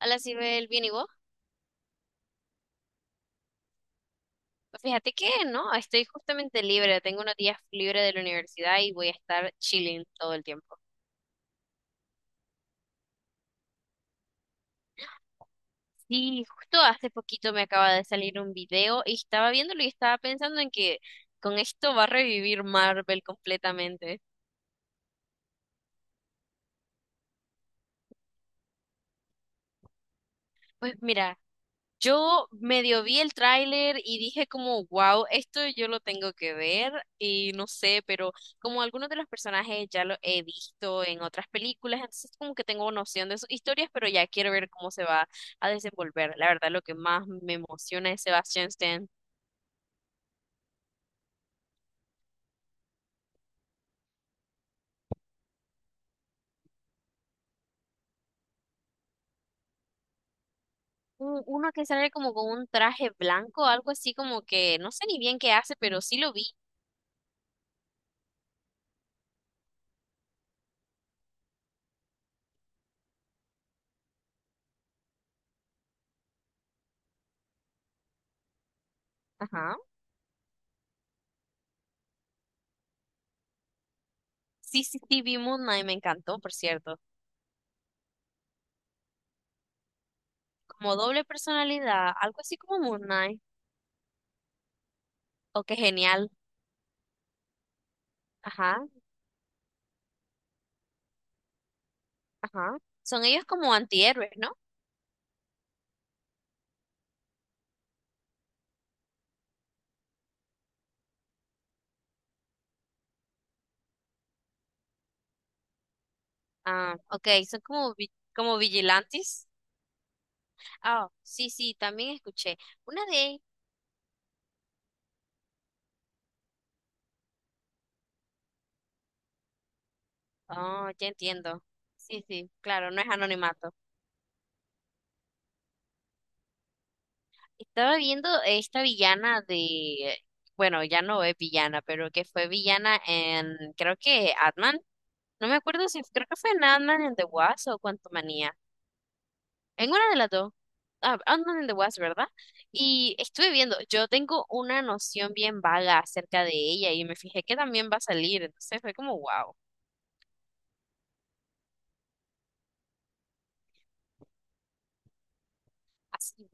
Hola, Sibel, ¿bien y vos? Pues fíjate que no, estoy justamente libre, tengo unos días libres de la universidad y voy a estar chilling todo el tiempo. Sí, justo hace poquito me acaba de salir un video y estaba viéndolo y estaba pensando en que con esto va a revivir Marvel completamente. Pues mira, yo medio vi el tráiler y dije como, wow, esto yo lo tengo que ver y no sé, pero como algunos de los personajes ya lo he visto en otras películas, entonces como que tengo noción de sus historias, pero ya quiero ver cómo se va a desenvolver. La verdad, lo que más me emociona es Sebastian Stan. Uno que sale como con un traje blanco, algo así como que no sé ni bien qué hace, pero sí lo vi. Ajá. Sí, sí, sí, vi Moon Knight, me encantó, por cierto. Como doble personalidad, algo así como Moon Knight. Oh, qué genial. Ajá, ajá. Son ellos como antihéroes, ¿no? Ah, ok, son como, como vigilantes. Ah, sí, sí, también escuché. Una de... Oh, ya entiendo. Sí, sí, claro, no es anonimato. Estaba viendo esta villana de... Bueno, ya no es villana, pero que fue villana en... Creo que Atman. No me acuerdo si... Creo que fue en Atman en The Wasp o Quantumania. En una de las dos. Ah, Ant-Man and the Wasp, ¿verdad? Y estuve viendo, yo tengo una noción bien vaga acerca de ella y me fijé que también va a salir, entonces fue como, wow, así,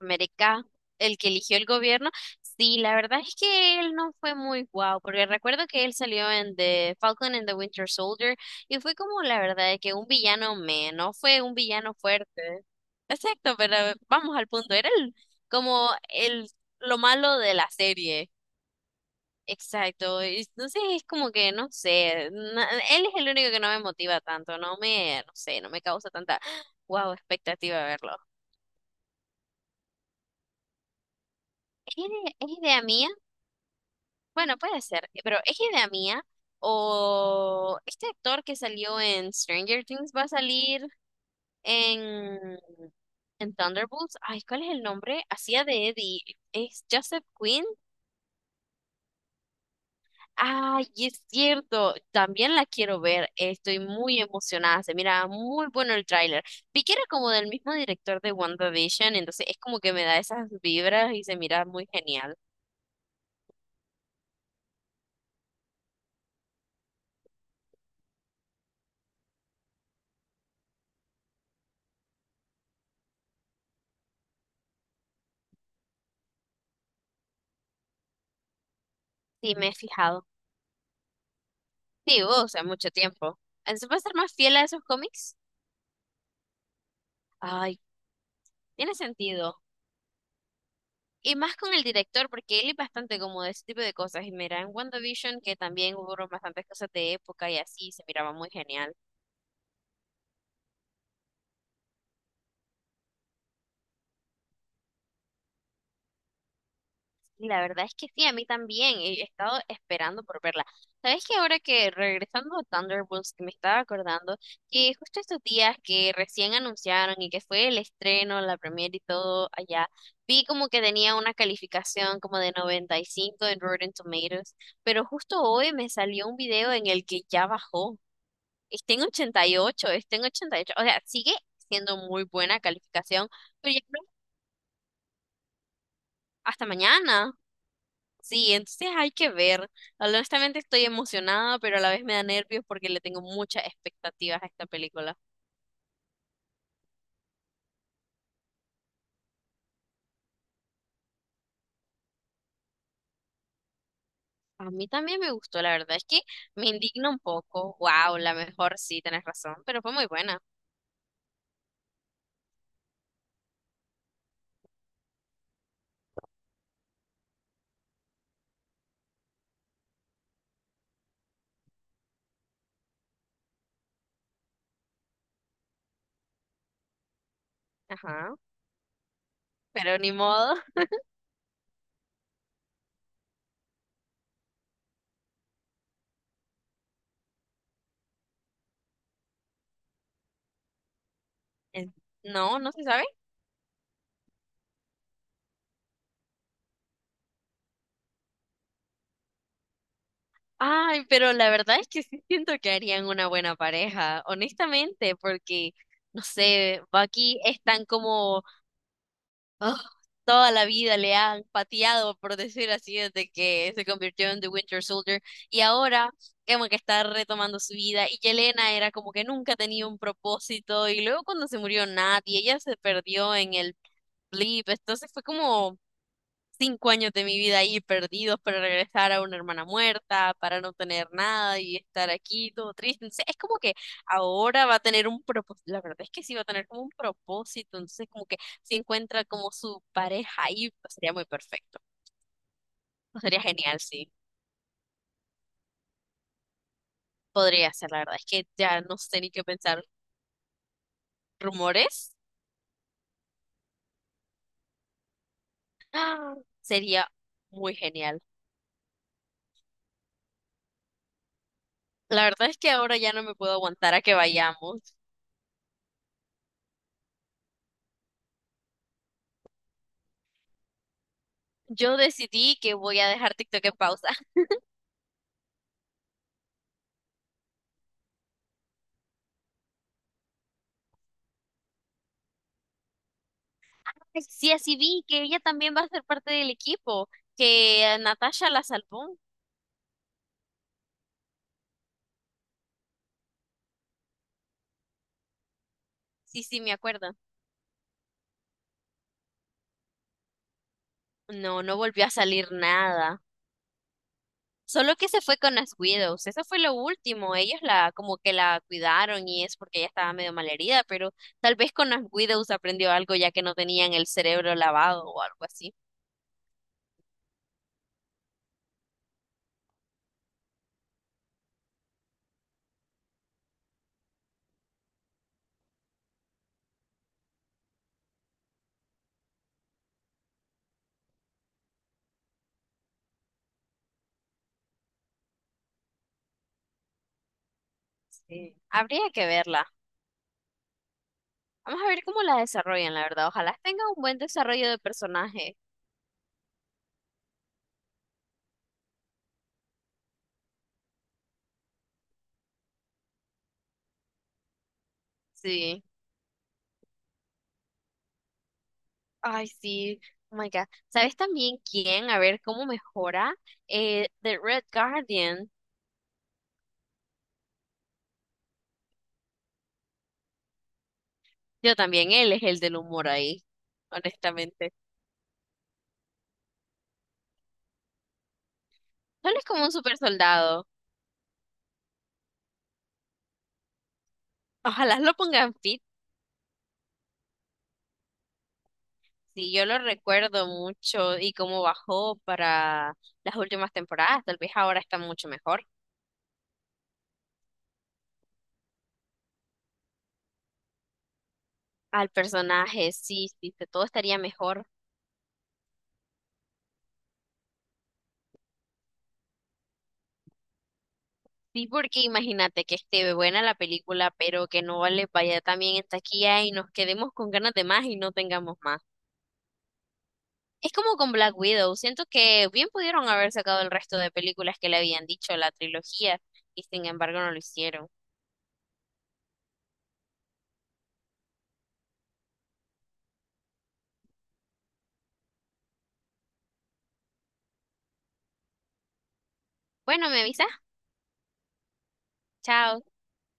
América, el que eligió el gobierno, sí, la verdad es que él no fue muy guau, porque recuerdo que él salió en The Falcon and the Winter Soldier y fue como, la verdad, de que un villano menos, fue un villano fuerte, exacto, pero vamos al punto, era el, como el, lo malo de la serie. Exacto, y entonces es como que no sé, él es el único que no me motiva tanto, no me, no sé, no me causa tanta wow expectativa de verlo. ¿Es es idea mía? Bueno, puede ser, pero ¿es idea mía? ¿O este actor que salió en Stranger Things va a salir en, en Thunderbolts? Ay, ¿cuál es el nombre? Hacía de Eddie, ¿es Joseph Quinn? Ay, es cierto, también la quiero ver, estoy muy emocionada, se mira muy bueno el tráiler. Vi que era como del mismo director de WandaVision, entonces es como que me da esas vibras y se mira muy genial. Sí, me he fijado. Sí, o sea, mucho tiempo. ¿Se puede ser más fiel a esos cómics? Ay, tiene sentido. Y más con el director, porque él es bastante como de ese tipo de cosas. Y mira, en WandaVision, que también hubo bastantes cosas de época y así, se miraba muy genial. Y la verdad es que sí, a mí también. He estado esperando por verla. ¿Sabes que ahora que regresando a Thunderbolts, que me estaba acordando que justo estos días que recién anunciaron y que fue el estreno, la premiere y todo allá, vi como que tenía una calificación como de 95 en Rotten Tomatoes, pero justo hoy me salió un video en el que ya bajó. Está en 88, está en 88. O sea, sigue siendo muy buena calificación, pero ya hasta mañana. Sí, entonces hay que ver. Honestamente estoy emocionada, pero a la vez me da nervios porque le tengo muchas expectativas a esta película. A mí también me gustó, la verdad es que me indigna un poco. Wow, la mejor, sí, tenés razón, pero fue muy buena. Ajá, pero ni modo. Eh, No, no se sabe. Ay, pero la verdad es que sí siento que harían una buena pareja, honestamente, porque, no sé, Bucky es tan como Oh, toda la vida le han pateado, por decir así, desde que se convirtió en The Winter Soldier. Y ahora como que está retomando su vida. Y Yelena era como que nunca tenía un propósito. Y luego cuando se murió nadie, ella se perdió en el blip. Entonces fue como 5 años de mi vida ahí perdidos para regresar a una hermana muerta, para no tener nada y estar aquí todo triste. Entonces, es como que ahora va a tener un propósito, la verdad es que sí va a tener como un propósito, entonces como que si encuentra como su pareja ahí, pues, sería muy perfecto. Pues, sería genial, sí, podría ser, la verdad es que ya no sé ni qué pensar. ¿Rumores? ¡Ah! Sería muy genial. La verdad es que ahora ya no me puedo aguantar a que vayamos. Yo decidí que voy a dejar TikTok en pausa. Sí, así vi que ella también va a ser parte del equipo, que a Natasha la salvó. Sí, sí, me acuerdo. No, no volvió a salir nada. Solo que se fue con las Widows, eso fue lo último, ellos la como que la cuidaron y es porque ella estaba medio malherida, pero tal vez con las Widows aprendió algo ya que no tenían el cerebro lavado o algo así. Sí. Habría que verla. Vamos a ver cómo la desarrollan, la verdad. Ojalá tenga un buen desarrollo de personaje. Sí. Ay, sí, oh my God. ¿Sabes también quién? A ver cómo mejora. The Red Guardian. Yo también, él es el del humor ahí, honestamente. Él es como un super soldado. Ojalá lo pongan fit. Sí, yo lo recuerdo mucho y cómo bajó para las últimas temporadas. Tal vez ahora está mucho mejor. Al personaje, sí, sí, que todo estaría mejor. Sí, porque imagínate que esté buena la película, pero que no le vaya tan bien en taquilla y nos quedemos con ganas de más y no tengamos más. Es como con Black Widow, siento que bien pudieron haber sacado el resto de películas que le habían dicho la trilogía y sin embargo no lo hicieron. Bueno, me avisas. Chao.